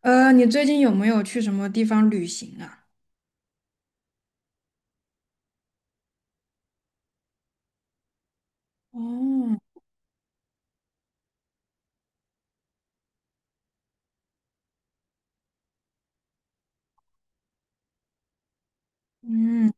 你最近有没有去什么地方旅行啊？哦，嗯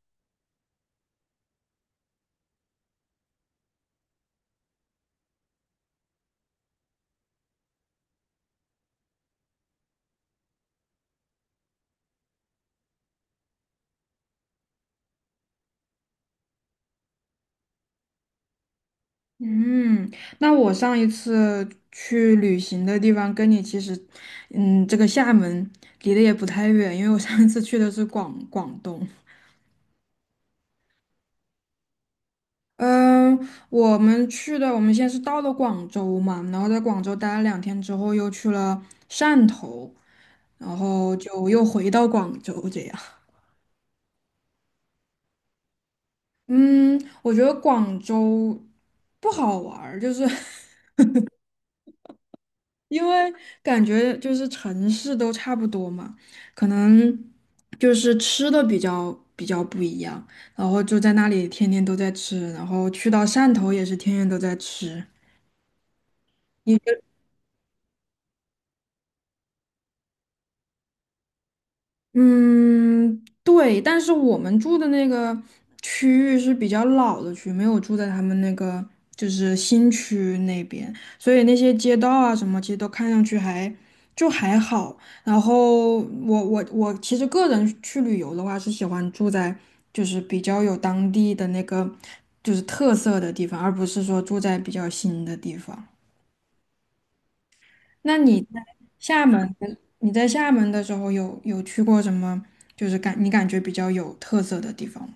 嗯，那我上一次去旅行的地方跟你其实，嗯，这个厦门离得也不太远，因为我上一次去的是广东。嗯，我们先是到了广州嘛，然后在广州待了2天之后，又去了汕头，然后就又回到广州这样。嗯，我觉得广州不好玩儿，就是 因为感觉就是城市都差不多嘛，可能就是吃的比较不一样，然后就在那里天天都在吃，然后去到汕头也是天天都在吃。嗯，对，但是我们住的那个区域是比较老的区，没有住在他们那个就是新区那边，所以那些街道啊什么，其实都看上去还就还好。然后我其实个人去旅游的话，是喜欢住在就是比较有当地的那个就是特色的地方，而不是说住在比较新的地方。那你在厦门，你在厦门的时候有去过什么，就是你感觉比较有特色的地方吗？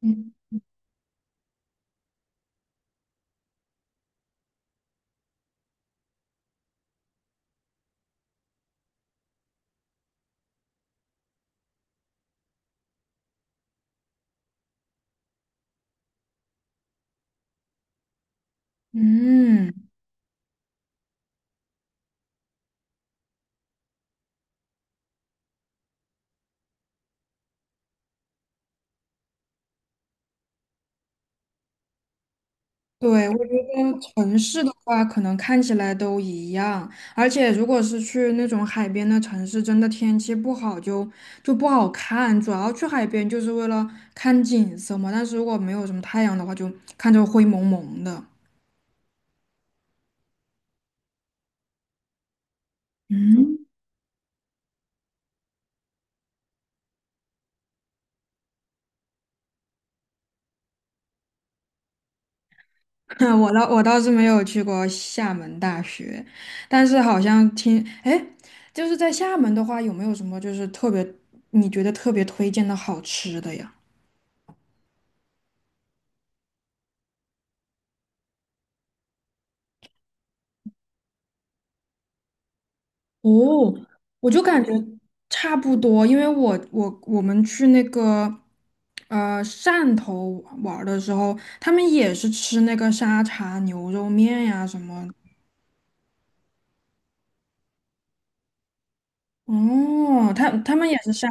嗯嗯，对，我觉得城市的话，可能看起来都一样，而且如果是去那种海边的城市，真的天气不好就不好看。主要去海边就是为了看景色嘛，但是如果没有什么太阳的话，就看着灰蒙蒙的。嗯，我倒是没有去过厦门大学，但是好像听，哎，就是在厦门的话，有没有什么就是特别你觉得特别推荐的好吃的呀？哦，我就感觉差不多，因为我们去那个汕头玩儿的时候，他们也是吃那个沙茶牛肉面呀什么，哦，他们也是沙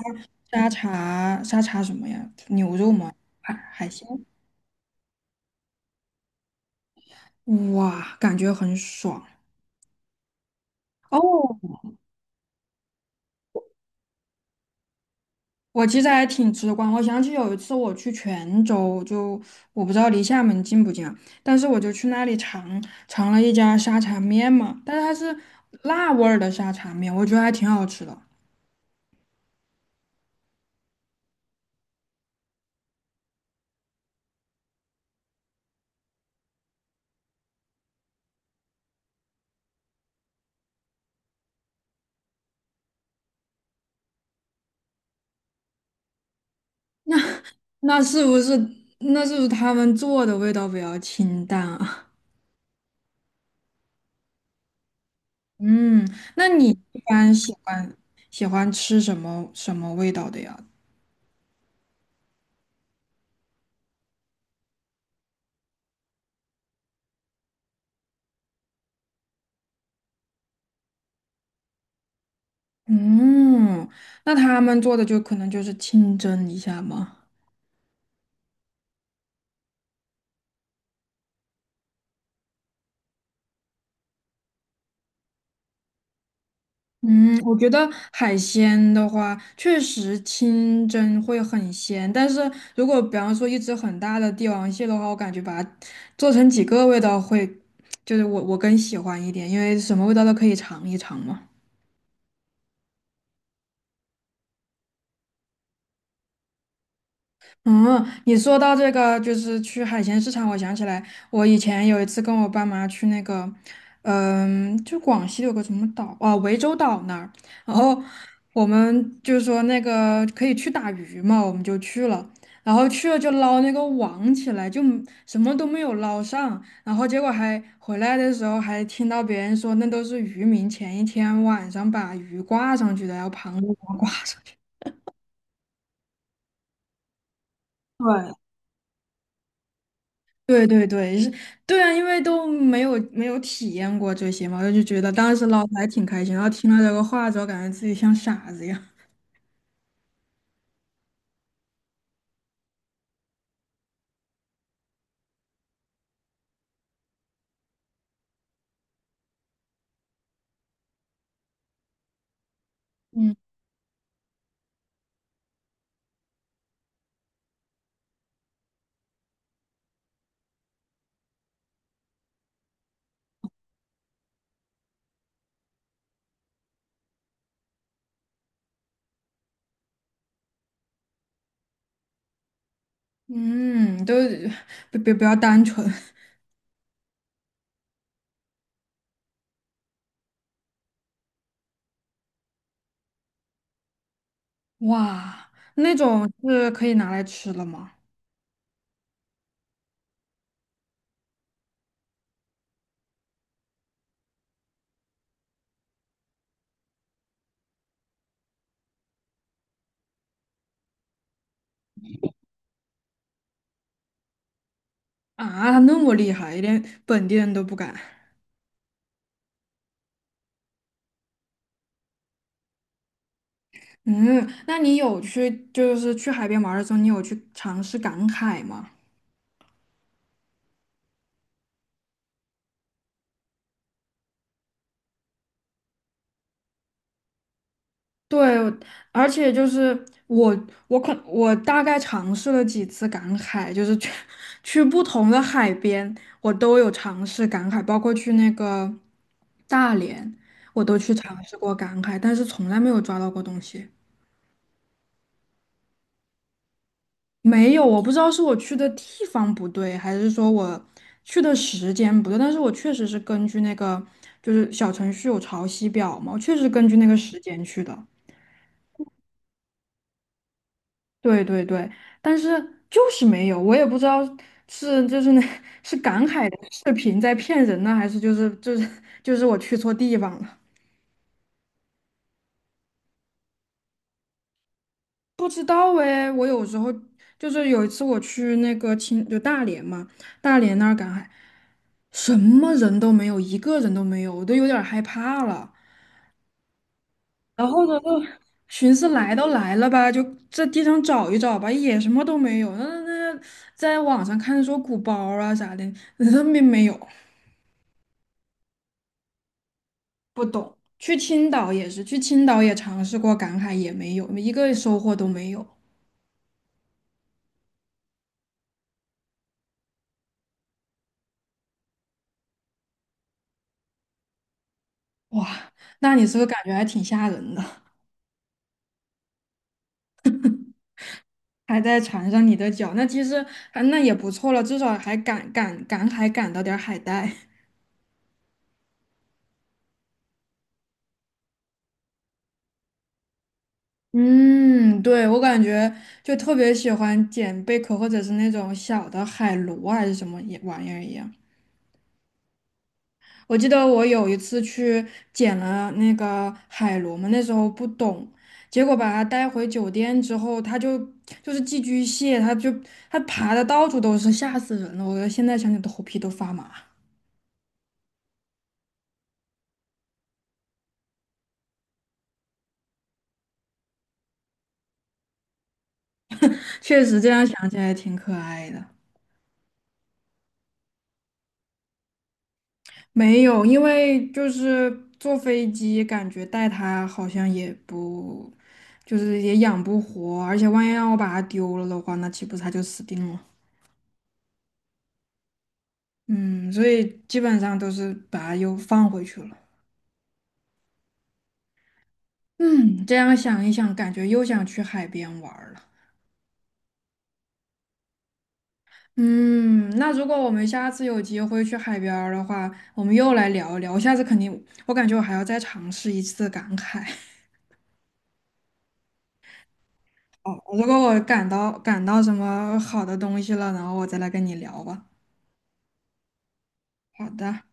沙茶沙茶什么呀，牛肉吗？海鲜。哇，感觉很爽哦！我其实还挺直观，我想起有一次我去泉州，就我不知道离厦门近不近啊，但是我就去那里尝了一家沙茶面嘛，但是它是辣味儿的沙茶面，我觉得还挺好吃的。那是不是那是不是他们做的味道比较清淡啊？嗯，那你一般喜欢吃什么什么味道的呀？嗯，那他们做的就可能就是清蒸一下吗？嗯，我觉得海鲜的话，确实清蒸会很鲜，但是如果比方说一只很大的帝王蟹的话，我感觉把它做成几个味道会，就是我更喜欢一点，因为什么味道都可以尝一尝嘛。嗯，你说到这个，就是去海鲜市场，我想起来，我以前有一次跟我爸妈去那个，嗯，就广西有个什么岛啊，涠洲岛那儿，然后我们就说那个可以去打鱼嘛，我们就去了，然后去了就捞那个网起来，就什么都没有捞上，然后结果还回来的时候还听到别人说，那都是渔民前一天晚上把鱼挂上去的，然后螃蟹给它挂上去。对对对对，是，对啊，因为都没有体验过这些嘛，我就觉得当时老师还挺开心，然后听了这个话之后，感觉自己像傻子一样。嗯，嗯，都不要单纯。哇，那种是可以拿来吃了吗？啊，那么厉害，连本地人都不敢。嗯，那你就是去海边玩的时候，你有去尝试赶海吗？对，而且就是我大概尝试了几次赶海，就是去不同的海边，我都有尝试赶海，包括去那个大连，我都去尝试过赶海，但是从来没有抓到过东西。没有，我不知道是我去的地方不对，还是说我去的时间不对，但是我确实是根据那个就是小程序有潮汐表嘛，我确实根据那个时间去的。对对对，但是就是没有，我也不知道是就是那 是赶海的视频在骗人呢，还是就是我去错地方了，不知道哎。我有时候就是有一次我去那个青就大连嘛，大连那儿赶海，什么人都没有，一个人都没有，我都有点儿害怕了。然后呢，就寻思来都来了吧，就这地上找一找吧，也什么都没有。那在网上看说鼓包啊啥的，那没有。不懂。去青岛也是，去青岛也尝试过赶海，也没有，一个收获都没有。哇，那你是不是感觉还挺吓人的，还在缠上你的脚，那其实还那也不错了，至少还赶海赶到点儿海带。嗯，对，我感觉就特别喜欢捡贝壳或者是那种小的海螺啊还是什么也玩意儿一样。我记得我有一次去捡了那个海螺嘛，那时候不懂，结果把它带回酒店之后，它就是寄居蟹，它爬的到处都是，吓死人了！我现在想起头皮都发麻。确实这样想起来挺可爱的。没有，因为就是坐飞机，感觉带它好像也不，就是也养不活，而且万一让我把它丢了的话，那岂不是它就死定了？嗯，所以基本上都是把它又放回去了。嗯，这样想一想，感觉又想去海边玩儿了。嗯，那如果我们下次有机会去海边儿的话，我们又来聊一聊。我下次肯定，我感觉我还要再尝试一次赶海。哦，如果我赶到什么好的东西了，然后我再来跟你聊吧。好的。